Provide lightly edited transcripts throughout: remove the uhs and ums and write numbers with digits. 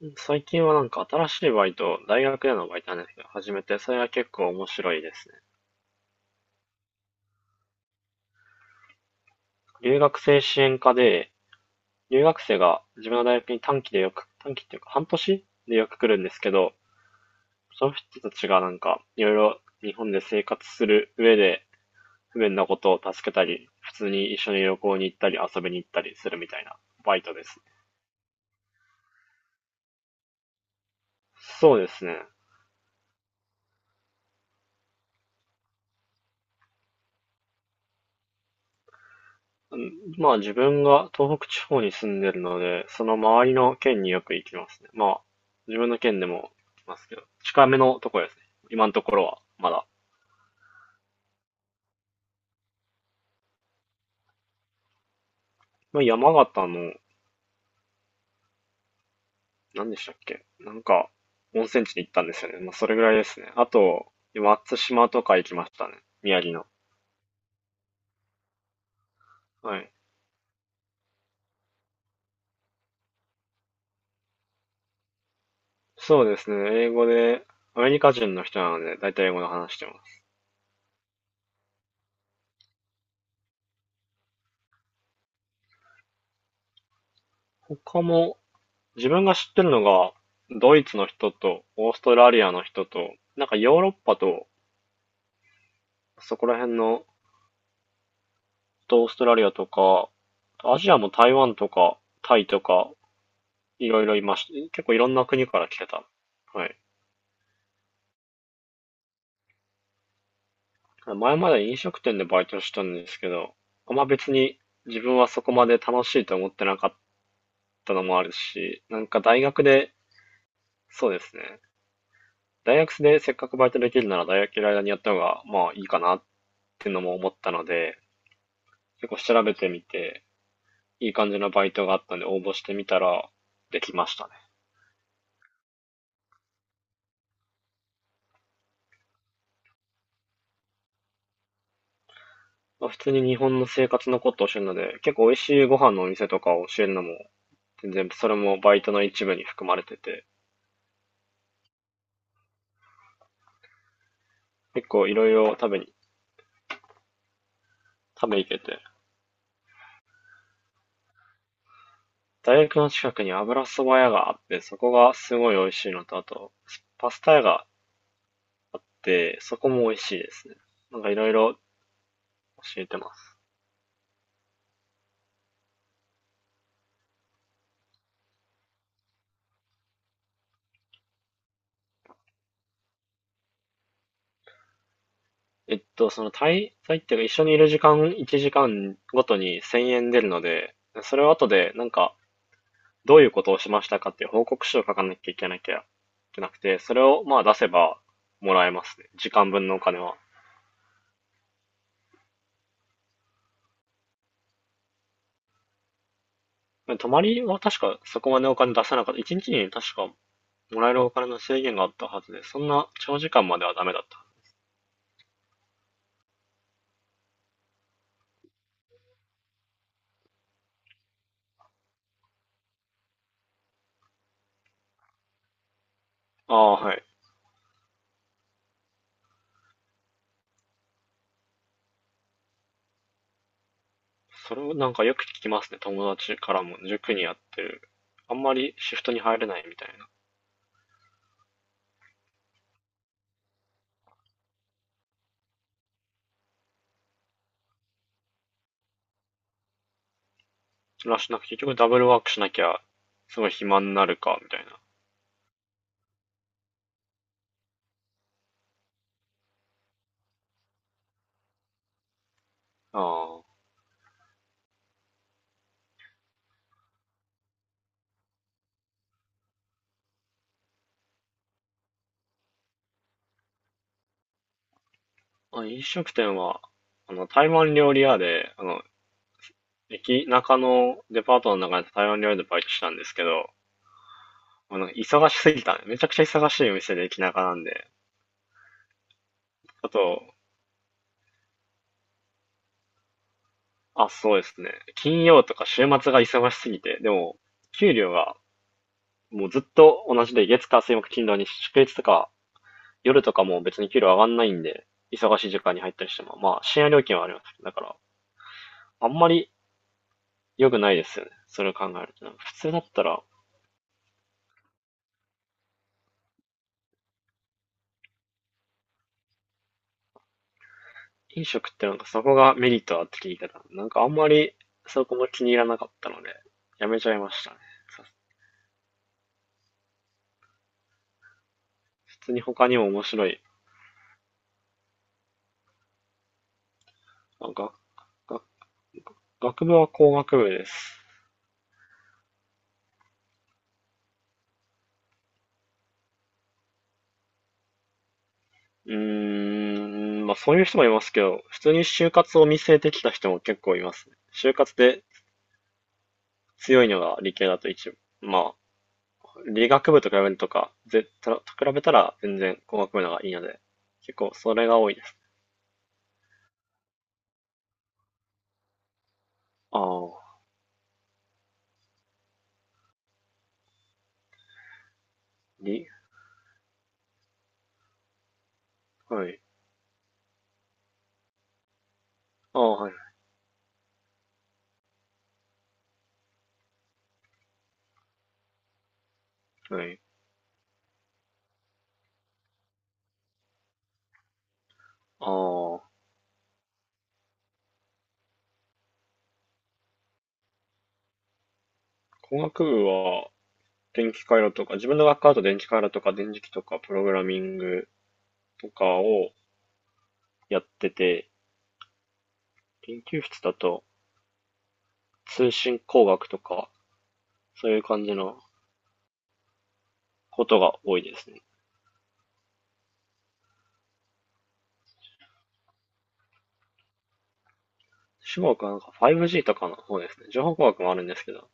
うん、最近はなんか新しいバイト、大学でのバイトなんですけど、始めて、それが結構面白いですね。留学生支援課で、留学生が自分の大学に短期でよく、短期っていうか半年でよく来るんですけど、その人たちがなんかいろいろ日本で生活する上で不便なことを助けたり、普通に一緒に旅行に行ったり遊びに行ったりするみたいなバイトですね。そうですね。まあ自分が東北地方に住んでるので、その周りの県によく行きますね。まあ自分の県でも行きますけど、近めのところですね。今のところはまだ。まあ山形の、何でしたっけ、なんか温泉地に行ったんですよね。まあそれぐらいですね。あと、松島とか行きましたね。宮城の。はい。そうですね。英語で、アメリカ人の人なので、だいたい英語で話してます。他も、自分が知ってるのが、ドイツの人と、オーストラリアの人と、なんかヨーロッパと、そこら辺の、オーストラリアとか、アジアも台湾とか、タイとか、いろいろいました。結構いろんな国から来てた。はい。前まで飲食店でバイトしてたんですけど、あんま別に自分はそこまで楽しいと思ってなかったのもあるし、なんか大学で、そうですね。大学でせっかくバイトできるなら大学いる間にやった方が、まあいいかなっていうのも思ったので、結構調べてみて、いい感じのバイトがあったんで応募してみたら、できましたね。まあ、普通に日本の生活のことを教えるので、結構美味しいご飯のお店とかを教えるのも、全然それもバイトの一部に含まれてて、結構いろいろ食べ行けて、大学の近くに油そば屋があって、そこがすごい美味しいのと、あと、パスタ屋があって、そこも美味しいですね。なんかいろいろ教えてます。その滞在っていうか一緒にいる時間、1時間ごとに1000円出るので、それを後でなんか、どういうことをしましたかっていう報告書を書かなきゃいけなくて、それをまあ出せばもらえますね。時間分のお金は。泊まりは確かそこまでお金出せなかった。1日にちに確かもらえるお金の制限があったはずで、そんな長時間まではダメだった。ああ、はい。それをなんかよく聞きますね。友達からも塾にやってる。あんまりシフトに入れないみたいな。なくて結局ダブルワークしなきゃ、すごい暇になるか、みたいな。ああ。飲食店は、台湾料理屋で、駅中のデパートの中で台湾料理でバイトしたんですけど、忙しすぎたね。めちゃくちゃ忙しいお店で駅中なんで。あと、そうですね。金曜とか週末が忙しすぎて、でも、給料がもうずっと同じで、月火水木金土に祝日とか、夜とかも別に給料上がんないんで、忙しい時間に入ったりしても、まあ、深夜料金はあります。だから、あんまり良くないですよね。それを考えると。なんか普通だったら、飲食ってなんかそこがメリットあって聞いてた、なんかあんまりそこも気に入らなかったので、やめちゃいましたね。さ普通に他にも面白い。あ学、学、学部は工学部です。うーん、まあそういう人もいますけど、普通に就活を見据えてきた人も結構いますね。就活で強いのが理系だと一部。まあ、理学部と比べるとか、と比べたら全然工学部の方がいいので、結構それが多いです。ああ、り、はい。ああ、はい、はい。ああ、工学部は電気回路とか、自分の学科だと電気回路とか電磁気とかプログラミングとかをやってて、研究室だと通信工学とか、そういう感じのことが多いですね。中国はなんか 5G とかの方ですね。情報工学もあるんですけど、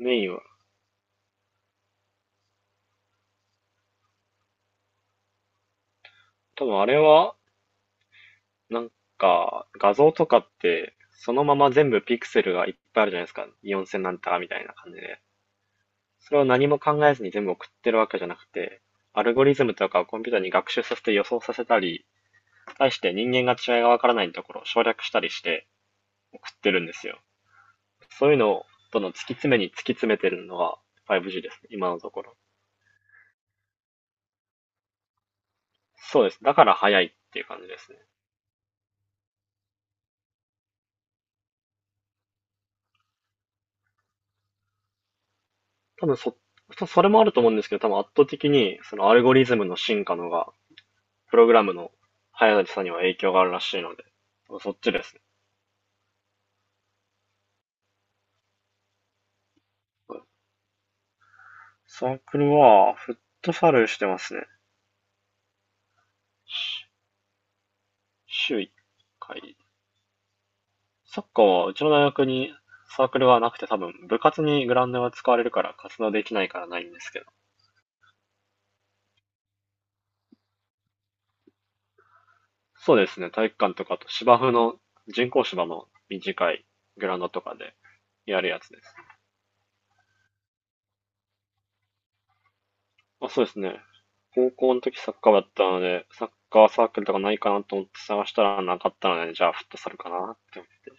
メインは。多分あれは、なんか画像とかって、そのまま全部ピクセルがいっぱいあるじゃないですか。4000なんたらみたいな感じで。それを何も考えずに全部送ってるわけじゃなくて、アルゴリズムとかをコンピューターに学習させて予想させたり、対して人間が違いがわからないところを省略したりして送ってるんですよ。そういうのをどんどん突き詰めに突き詰めてるのが 5G ですね、今のところ。そうです。だから早いっていう感じですね。多分それもあると思うんですけど、多分圧倒的にそのアルゴリズムの進化のが、プログラムの速さには影響があるらしいので、そっちですね。サークルはフットサルしてますね。週一回。サッカーはうちの大学にサークルはなくて多分部活にグラウンドが使われるから活動できないからないんですけど。そうですね、体育館とかあと芝生の人工芝の短いグラウンドとかでやるやつです。まあ、そうですね。高校の時サッカー部だったので、サッカーサークルとかないかなと思って探したらなかったので、じゃあフットサルかなって思って。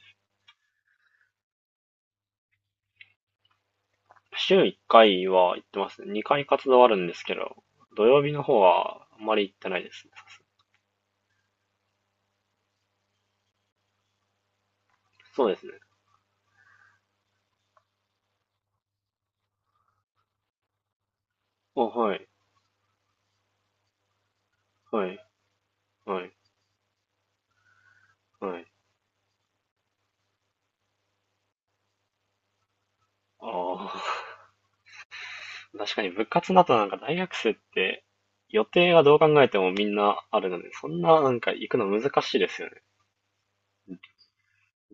週1回は行ってますね。2回活動あるんですけど、土曜日の方はあんまり行ってないですね。そうですね。はい。はい、はい、はい。ああ、確かに部活だとなんか大学生って予定はどう考えてもみんなあるので、そんななんか行くの難しいですよね。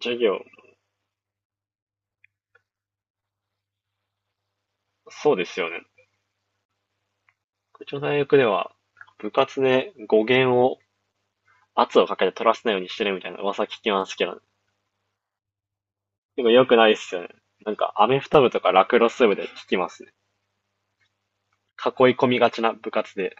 授業、そうですよね。うちの大学では部活で語源を圧をかけて取らせないようにしてるみたいな噂聞きますけどね、でも良くないですよね。なんかアメフト部とかラクロス部で聞きますね。囲い込みがちな部活で。